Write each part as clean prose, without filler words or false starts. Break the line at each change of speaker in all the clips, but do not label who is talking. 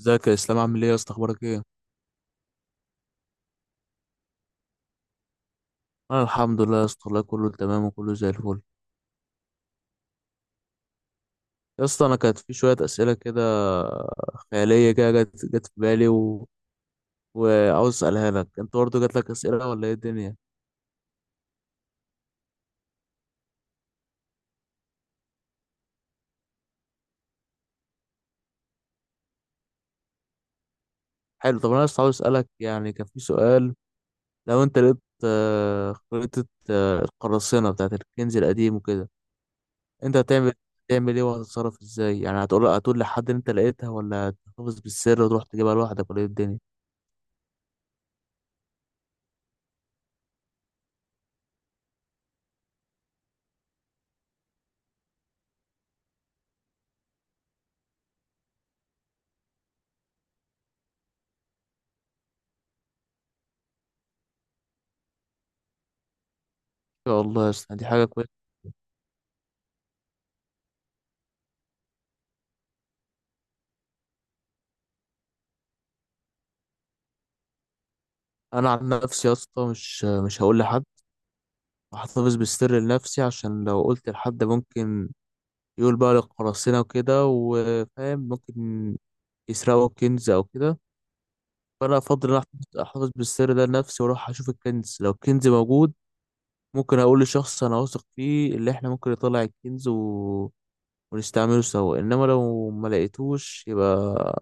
ازيك يا اسلام، عامل ايه يا اسطى؟ اخبارك ايه؟ انا الحمد لله يا اسطى والله، كله تمام وكله زي الفل. يا اسطى انا كانت في شويه اسئله كده خياليه كده جت في بالي وعاوز اسالها لك. انت برضه جات لك اسئله ولا ايه الدنيا؟ حلو، طب انا بس عاوز اسالك. يعني كان في سؤال، لو انت لقيت خريطه القراصنه بتاعت الكنز القديم وكده، انت هتعمل تعمل ايه وهتتصرف ازاي؟ يعني هتقول لحد ان انت لقيتها، ولا هتحتفظ بالسر وتروح تجيبها لوحدك، ولا ايه الدنيا؟ يا الله يا اسطى، دي حاجه كويسه. انا عن نفسي يا اسطى، مش هقول لحد. هحتفظ بالسر لنفسي، عشان لو قلت لحد ممكن يقول بقى للقراصنة وكده، وفاهم ممكن يسرقوا كنز او كده. فانا افضل ان أحتفظ بالسر ده لنفسي واروح اشوف الكنز. لو الكنز موجود ممكن اقول لشخص انا واثق فيه، اللي احنا ممكن نطلع الكنز ونستعمله سوا. انما لو ما لقيتوش، يبقى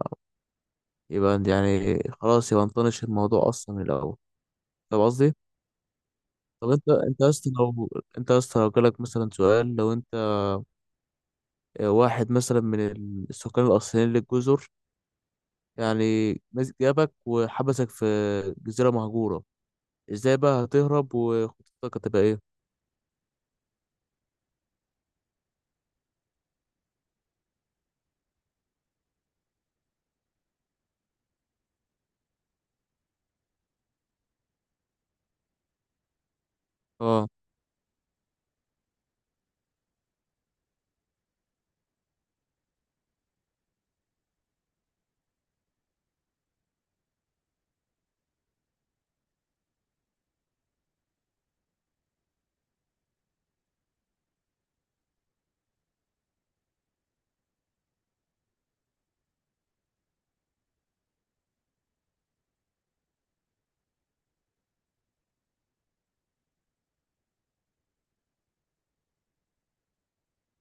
يعني خلاص يبقى نطنش الموضوع اصلا من الاول. فاهم قصدي؟ طب انت، انت يا اسطى لو جالك مثلا سؤال، لو انت واحد مثلا من السكان الاصليين للجزر، يعني مسك جابك وحبسك في جزيرة مهجورة، ازاي بقى هتهرب وخطتك هتبقى ايه؟ اه،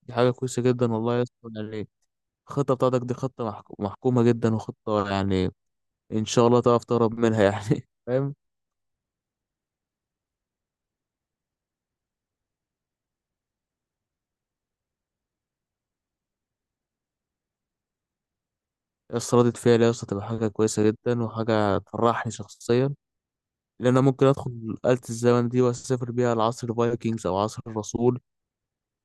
دي حاجة كويسة جدا والله يا اسطى. يعني الخطة بتاعتك دي خطة محكومة جدا، وخطة يعني ان شاء الله تعرف تهرب منها يعني. فاهم؟ يا اسطى ردة فعلي يا اسطى تبقى حاجة كويسة جدا وحاجة تفرحني شخصيا. لأن أنا ممكن أدخل آلة الزمن دي وأسافر بيها لعصر الفايكنجز أو عصر الرسول،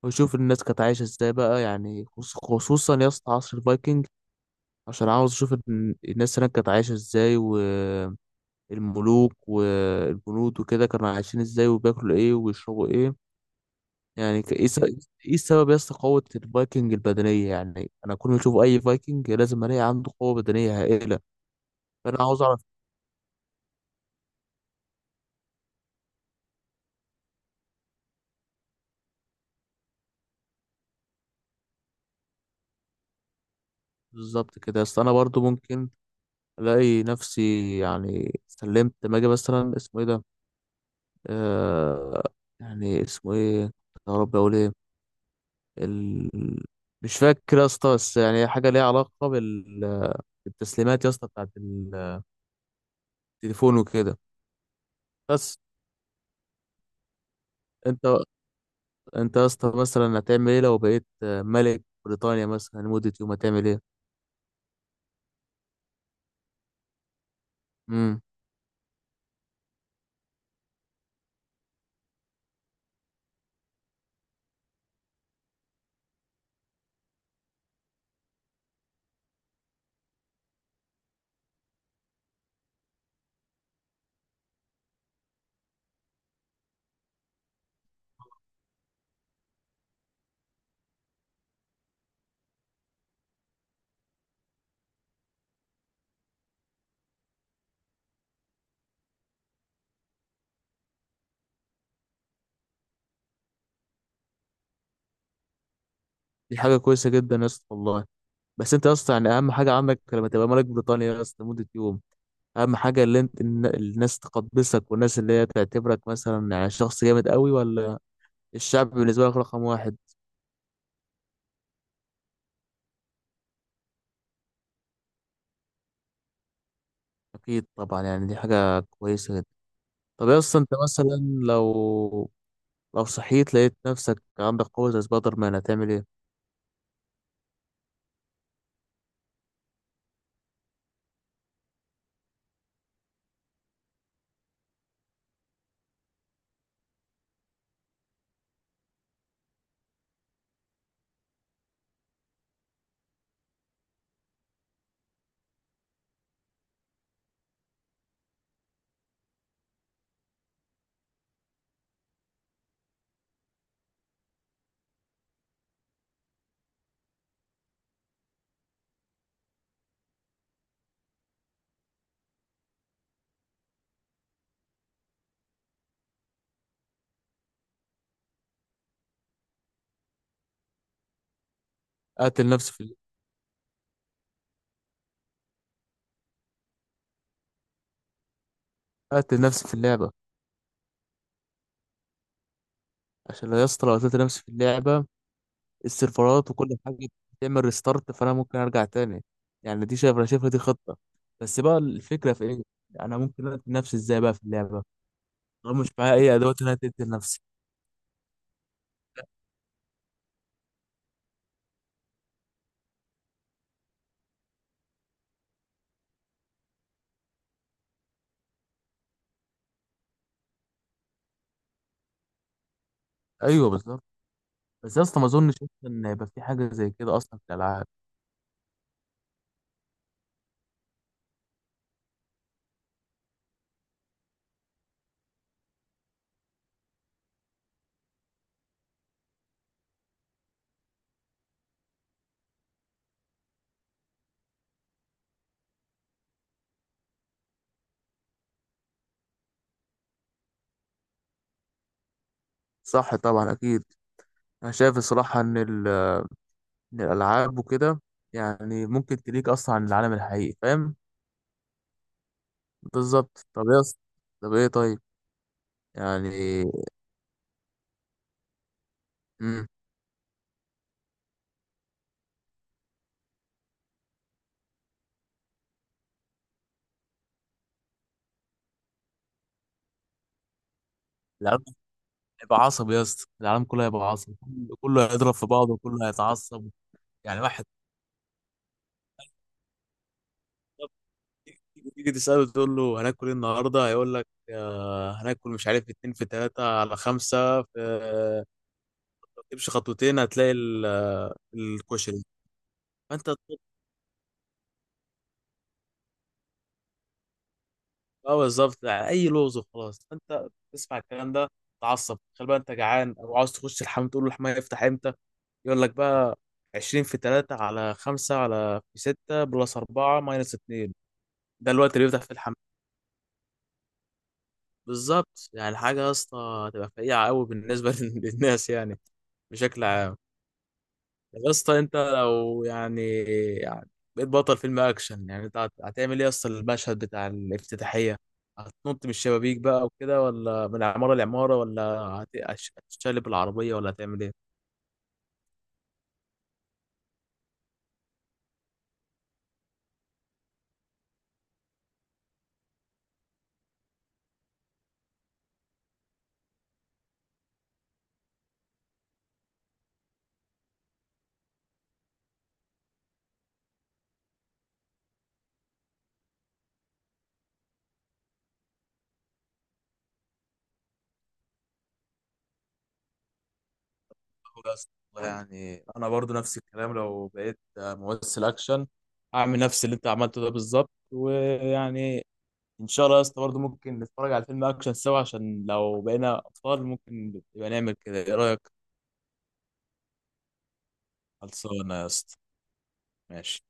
وأشوف الناس كانت عايشة إزاي بقى. يعني خصوصا يا اسطى عصر الفايكنج، عشان عاوز أشوف الناس هناك كانت عايشة إزاي، والملوك والجنود وكده كانوا عايشين إزاي وبياكلوا إيه وبيشربوا إيه. يعني إيه السبب يا اسطى قوة الفايكنج البدنية؟ يعني أنا كل ما أشوف أي فايكنج لازم ألاقي عنده قوة بدنية هائلة. فأنا عاوز أعرف. بالظبط كده، أصل أنا برضو ممكن الاقي نفسي يعني سلمت. لما اجي مثلا اسمه ايه ده، آه يعني اسمه ايه، يا رب اقول ايه، ال... مش فاكر يا اسطى، بس يعني حاجه ليها علاقه بالتسليمات يا اسطى، بتاعت التليفون وكده. بس انت، انت يا اسطى مثلا هتعمل ايه لو بقيت ملك بريطانيا مثلا لمده يوم؟ هتعمل ايه؟ امم دي حاجه كويسه جدا يا اسطى والله. بس انت يا اسطى، يعني اهم حاجه عندك لما تبقى ملك بريطانيا يا اسطى لمده يوم، اهم حاجه اللي انت الناس تقدسك، والناس اللي هي تعتبرك مثلا يعني شخص جامد قوي، ولا الشعب بالنسبه لك رقم واحد؟ اكيد طبعا، يعني دي حاجه كويسه جدا. طب يا اسطى انت مثلا، لو صحيت لقيت نفسك عندك قوه زي سبايدر مان، هتعمل ايه؟ قاتل نفسي في قاتل نفسي في اللعبه. عشان لو يا اسطى لو قتلت نفسي في اللعبه، السيرفرات وكل حاجه بتعمل ريستارت، فانا ممكن ارجع تاني. يعني دي، شايف، انا شايفها دي خطه. بس بقى الفكره في ايه، انا ممكن اقتل نفسي ازاي بقى في اللعبه؟ طب مش معايا اي ادوات ان انا تقتل نفسي. ايوه، بالظبط. بس يا اسطى ما اظنش أصلاً ان يبقى في حاجه زي كده اصلا في الالعاب. صح طبعا، اكيد. انا شايف الصراحه ان إن الالعاب وكده يعني ممكن تليك اصلا عن العالم الحقيقي، فاهم؟ بالظبط. طب يا اسطى، طب ايه، طيب يعني. امم العالم هيبقى عصبي يا اسطى، العالم كله هيبقى عصبي، كله، كله هيضرب في بعضه وكله هيتعصب. يعني واحد تيجي تسأله تقول له هناكل ايه النهارده، هيقول لك هناكل مش عارف، اتنين في تلاتة على خمسة، في تمشي خطوتين هتلاقي الكشري، فانت تطلب. اه بالظبط، اي لوز وخلاص. فانت تسمع الكلام ده تعصب. تخيل بقى انت جعان او عاوز تخش الحمام، تقول له الحمام يفتح امتى، يقول لك بقى 20 في 3 على 5 على في 6 بلس 4 ماينس 2، ده الوقت اللي بيفتح في الحمام. بالظبط. يعني حاجه يا اسطى هتبقى فقيعه قوي بالنسبه للناس يعني، بشكل عام. يا اسطى انت لو يعني، يعني بقيت بطل فيلم اكشن، يعني انت هتعمل ايه يا اسطى المشهد بتاع الافتتاحيه؟ هتنط من الشبابيك بقى وكده، ولا من عماره لعماره، ولا هتشقلب العربيه، ولا هتعمل ايه؟ أقول يا اسطى والله، يعني انا برضو نفس الكلام، لو بقيت ممثل اكشن هعمل نفس اللي انت عملته ده بالظبط. ويعني ان شاء الله يا اسطى برضو ممكن نتفرج على فيلم اكشن سوا، عشان لو بقينا اطفال ممكن يبقى نعمل كده. ايه رايك؟ خلصانه يا اسطى، ماشي.